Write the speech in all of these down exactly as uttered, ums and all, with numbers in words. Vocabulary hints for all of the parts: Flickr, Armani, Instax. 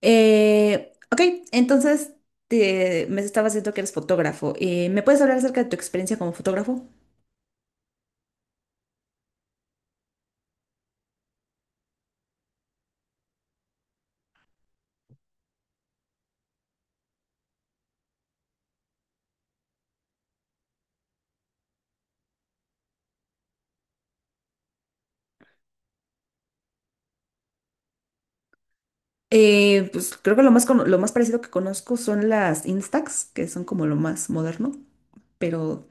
Eh, ok, entonces te- me estabas diciendo que eres fotógrafo. Eh, ¿me puedes hablar acerca de tu experiencia como fotógrafo? Eh, pues creo que lo más, cono- lo más parecido que conozco son las Instax, que son como lo más moderno, pero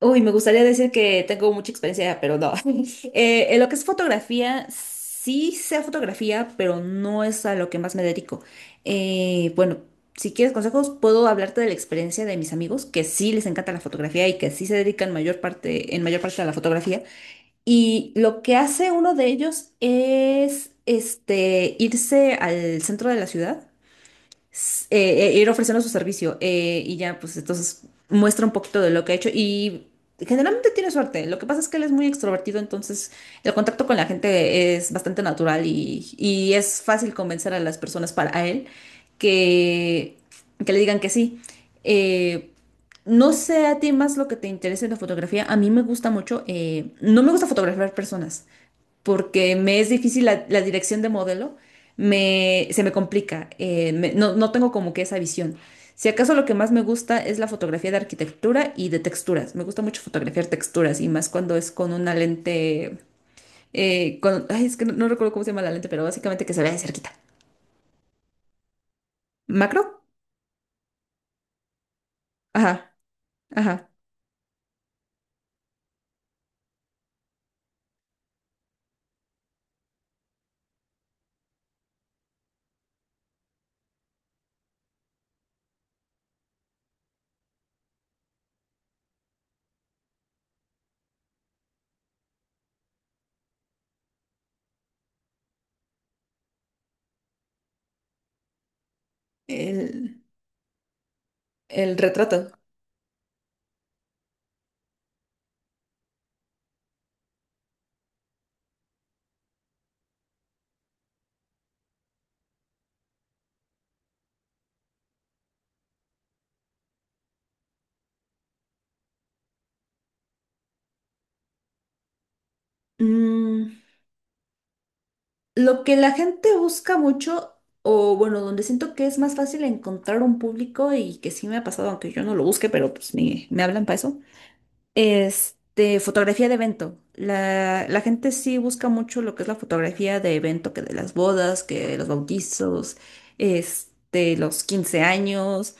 Uy, me gustaría decir que tengo mucha experiencia, pero no. Eh, en lo que es fotografía, sí sé fotografía, pero no es a lo que más me dedico. Eh, bueno, si quieres consejos, puedo hablarte de la experiencia de mis amigos, que sí les encanta la fotografía y que sí se dedican mayor parte, en mayor parte a la fotografía. Y lo que hace uno de ellos es este, irse al centro de la ciudad s- eh, eh, ir ofreciendo su servicio eh, y ya, pues entonces muestra un poquito de lo que ha hecho y generalmente tiene suerte. Lo que pasa es que él es muy extrovertido, entonces el contacto con la gente es bastante natural y, y es fácil convencer a las personas para a él que, que le digan que sí. Eh, no sé a ti más lo que te interese en la fotografía. A mí me gusta mucho. Eh, no me gusta fotografiar personas porque me es difícil la, la dirección de modelo, me, se me complica, eh, me- no, no tengo como que esa visión. Si acaso lo que más me gusta es la fotografía de arquitectura y de texturas. Me gusta mucho fotografiar texturas y más cuando es con una lente, eh, con, ay, es que no, no recuerdo cómo se llama la lente, pero básicamente que se vea de cerquita. ¿Macro? Ajá, ajá. El, el retrato. Mm, Lo que la gente busca mucho, o bueno, donde siento que es más fácil encontrar un público y que sí me ha pasado, aunque yo no lo busque, pero pues me, me hablan para eso, este, fotografía de evento. La, la gente sí busca mucho lo que es la fotografía de evento, que de las bodas, que de los bautizos, este, los quince años.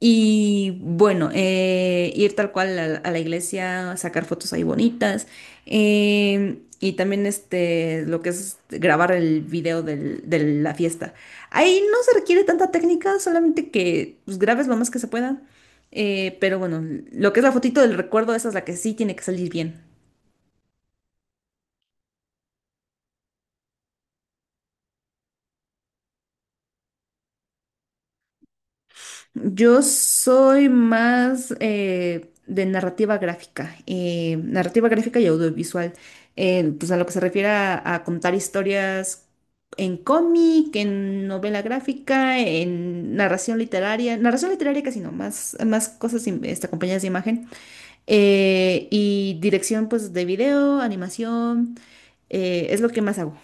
Y bueno, eh, ir tal cual a, la a la iglesia, sacar fotos ahí bonitas. Em, y también este, lo que es grabar el video del- de la fiesta. Ahí no se requiere tanta técnica, solamente que pues, grabes lo más que se pueda. eh, pero bueno, lo que es la fotito del recuerdo, esa es la que sí tiene que salir bien. Yo soy más eh, de narrativa gráfica, eh, narrativa gráfica y audiovisual, eh, pues a lo que se refiere a, a contar historias en cómic, en novela gráfica, en narración literaria, narración literaria casi no, más, más cosas im- este, acompañadas de imagen, eh, y dirección pues de video, animación, eh, es lo que más hago.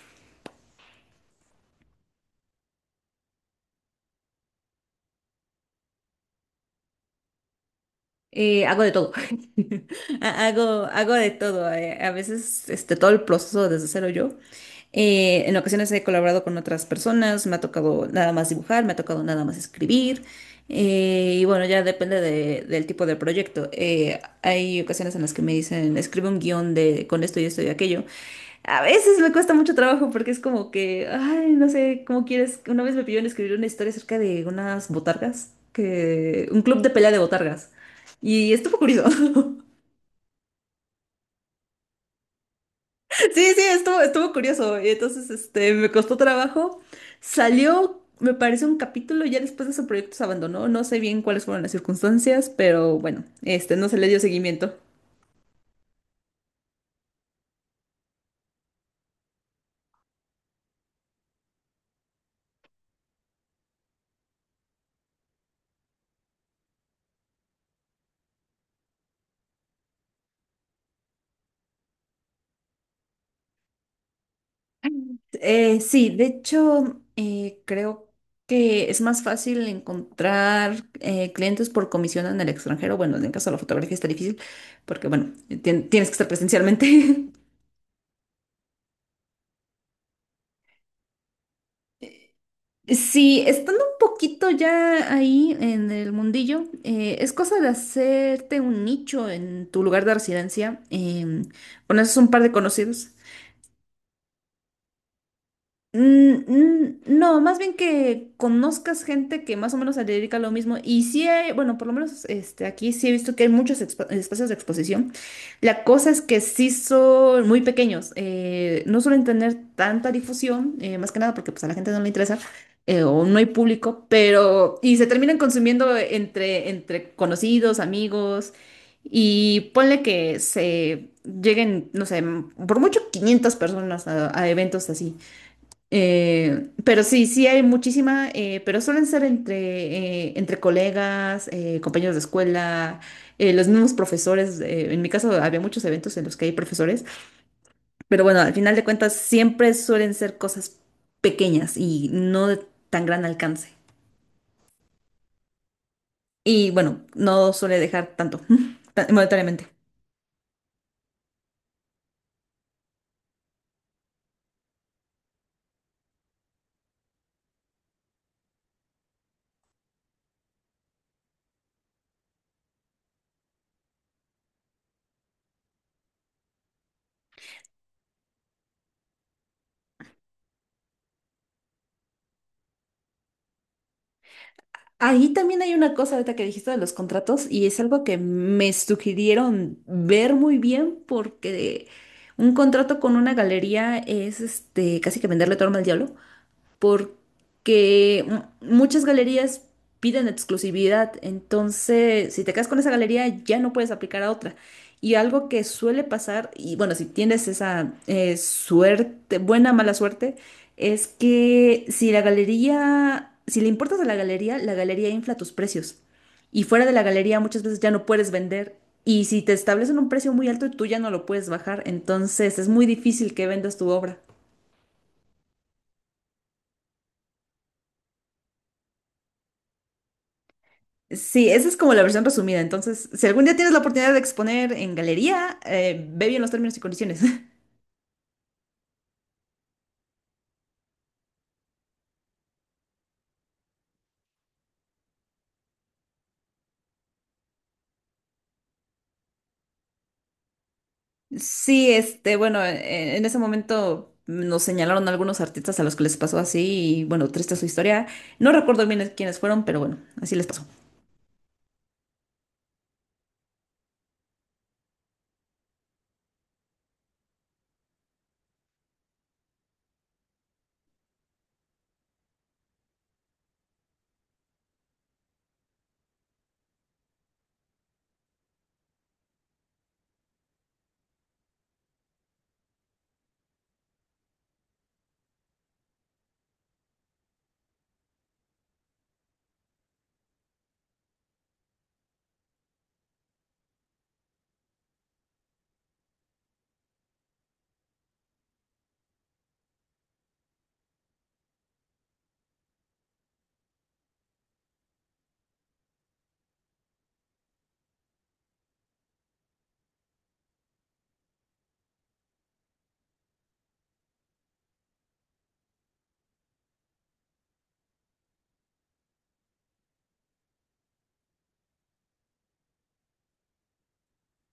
Eh, hago de todo. Ha- Hago, hago de todo. eh, A veces este, todo el proceso desde cero yo. Eh, en ocasiones he colaborado con otras personas, me ha tocado nada más dibujar, me ha tocado nada más escribir. Eh, y bueno, ya depende de- del tipo de proyecto. Eh, hay ocasiones en las que me dicen, escribe un guión de con esto y esto y aquello. A veces me cuesta mucho trabajo porque es como que, ay, no sé, ¿cómo quieres? Una vez me pidieron escribir una historia acerca de unas botargas, que un club de pelea de botargas. Y estuvo curioso. Sí, sí, estuvo, estuvo curioso. Y entonces, este, me costó trabajo. Salió, me parece, un capítulo. Ya después de ese proyecto se abandonó. No sé bien cuáles fueron las circunstancias, pero bueno, este, no se le dio seguimiento. Eh, sí, de hecho, eh, creo que es más fácil encontrar eh, clientes por comisión en el extranjero. Bueno, en el caso de la fotografía está difícil porque, bueno, tien- tienes que estar presencialmente. Sí, estando un poquito ya ahí en el mundillo, eh, es cosa de hacerte un nicho en tu lugar de residencia. Em, conoces un par de conocidos. Mm, mm, no, más bien que conozcas gente que más o menos se dedica a lo mismo. Y sí hay, bueno, por lo menos este, aquí sí he visto que hay muchos expo- espacios de exposición. La cosa es que sí son muy pequeños. Eh, no suelen tener tanta difusión, eh, más que nada porque pues, a la gente no le interesa eh, o no hay público, pero... Y se terminan consumiendo entre, entre conocidos, amigos. Y ponle que se lleguen, no sé, por mucho quinientas personas a a eventos así. Eh, pero sí, sí hay muchísima, eh, pero suelen ser entre, eh, entre colegas, eh, compañeros de escuela, eh, los mismos profesores. Eh, en mi caso había muchos eventos en los que hay profesores, pero bueno, al final de cuentas siempre suelen ser cosas pequeñas y no de tan gran alcance. Y bueno, no suele dejar tanto, tan- monetariamente. Ahí también hay una cosa ahorita que dijiste de los contratos y es algo que me sugirieron ver muy bien porque un contrato con una galería es este casi que venderle todo al diablo porque mu- muchas galerías piden exclusividad, entonces si te quedas con esa galería ya no puedes aplicar a otra. Y algo que suele pasar, y bueno, si tienes esa eh, suerte, buena o mala suerte, es que si la galería, si le importas a la galería, la galería infla tus precios. Y fuera de la galería muchas veces ya no puedes vender. Y si te establecen un precio muy alto, tú ya no lo puedes bajar. Entonces es muy difícil que vendas tu obra. Sí, esa es como la versión resumida. Entonces, si algún día tienes la oportunidad de exponer en galería, eh, ve bien los términos y condiciones. Sí, este, bueno, eh, en ese momento nos señalaron algunos artistas a los que les pasó así y bueno, triste su historia. No recuerdo bien quiénes fueron, pero bueno, así les pasó.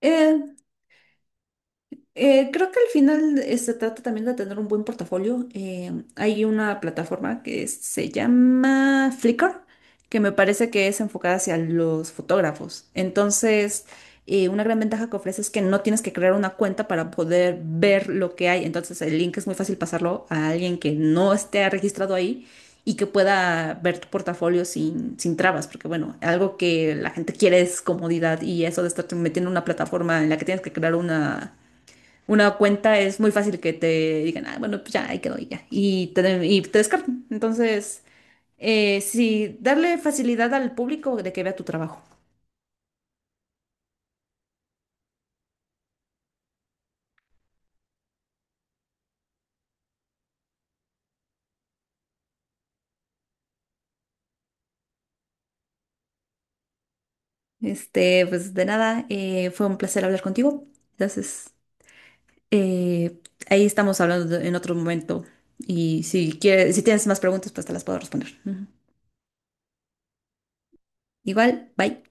Eh, Eh, creo que al final eh, se trata también de tener un buen portafolio. Eh, hay una plataforma que se llama Flickr, que me parece que es enfocada hacia los fotógrafos. Entonces, eh, una gran ventaja que ofrece es que no tienes que crear una cuenta para poder ver lo que hay. Entonces, el link es muy fácil pasarlo a alguien que no esté registrado ahí y que pueda ver tu portafolio sin, sin trabas, porque bueno, algo que la gente quiere es comodidad y eso de estar metiendo en una plataforma en la que tienes que crear una una cuenta es muy fácil que te digan, ah, bueno, pues ya, ahí quedó y ya. Y te, y te descartan. Entonces, eh, sí, darle facilidad al público de que vea tu trabajo. Este, pues de nada, eh, fue un placer hablar contigo. Entonces, eh, ahí estamos hablando de- en otro momento. Y si quieres, si tienes más preguntas, pues te las puedo responder. Ujú. Igual, bye.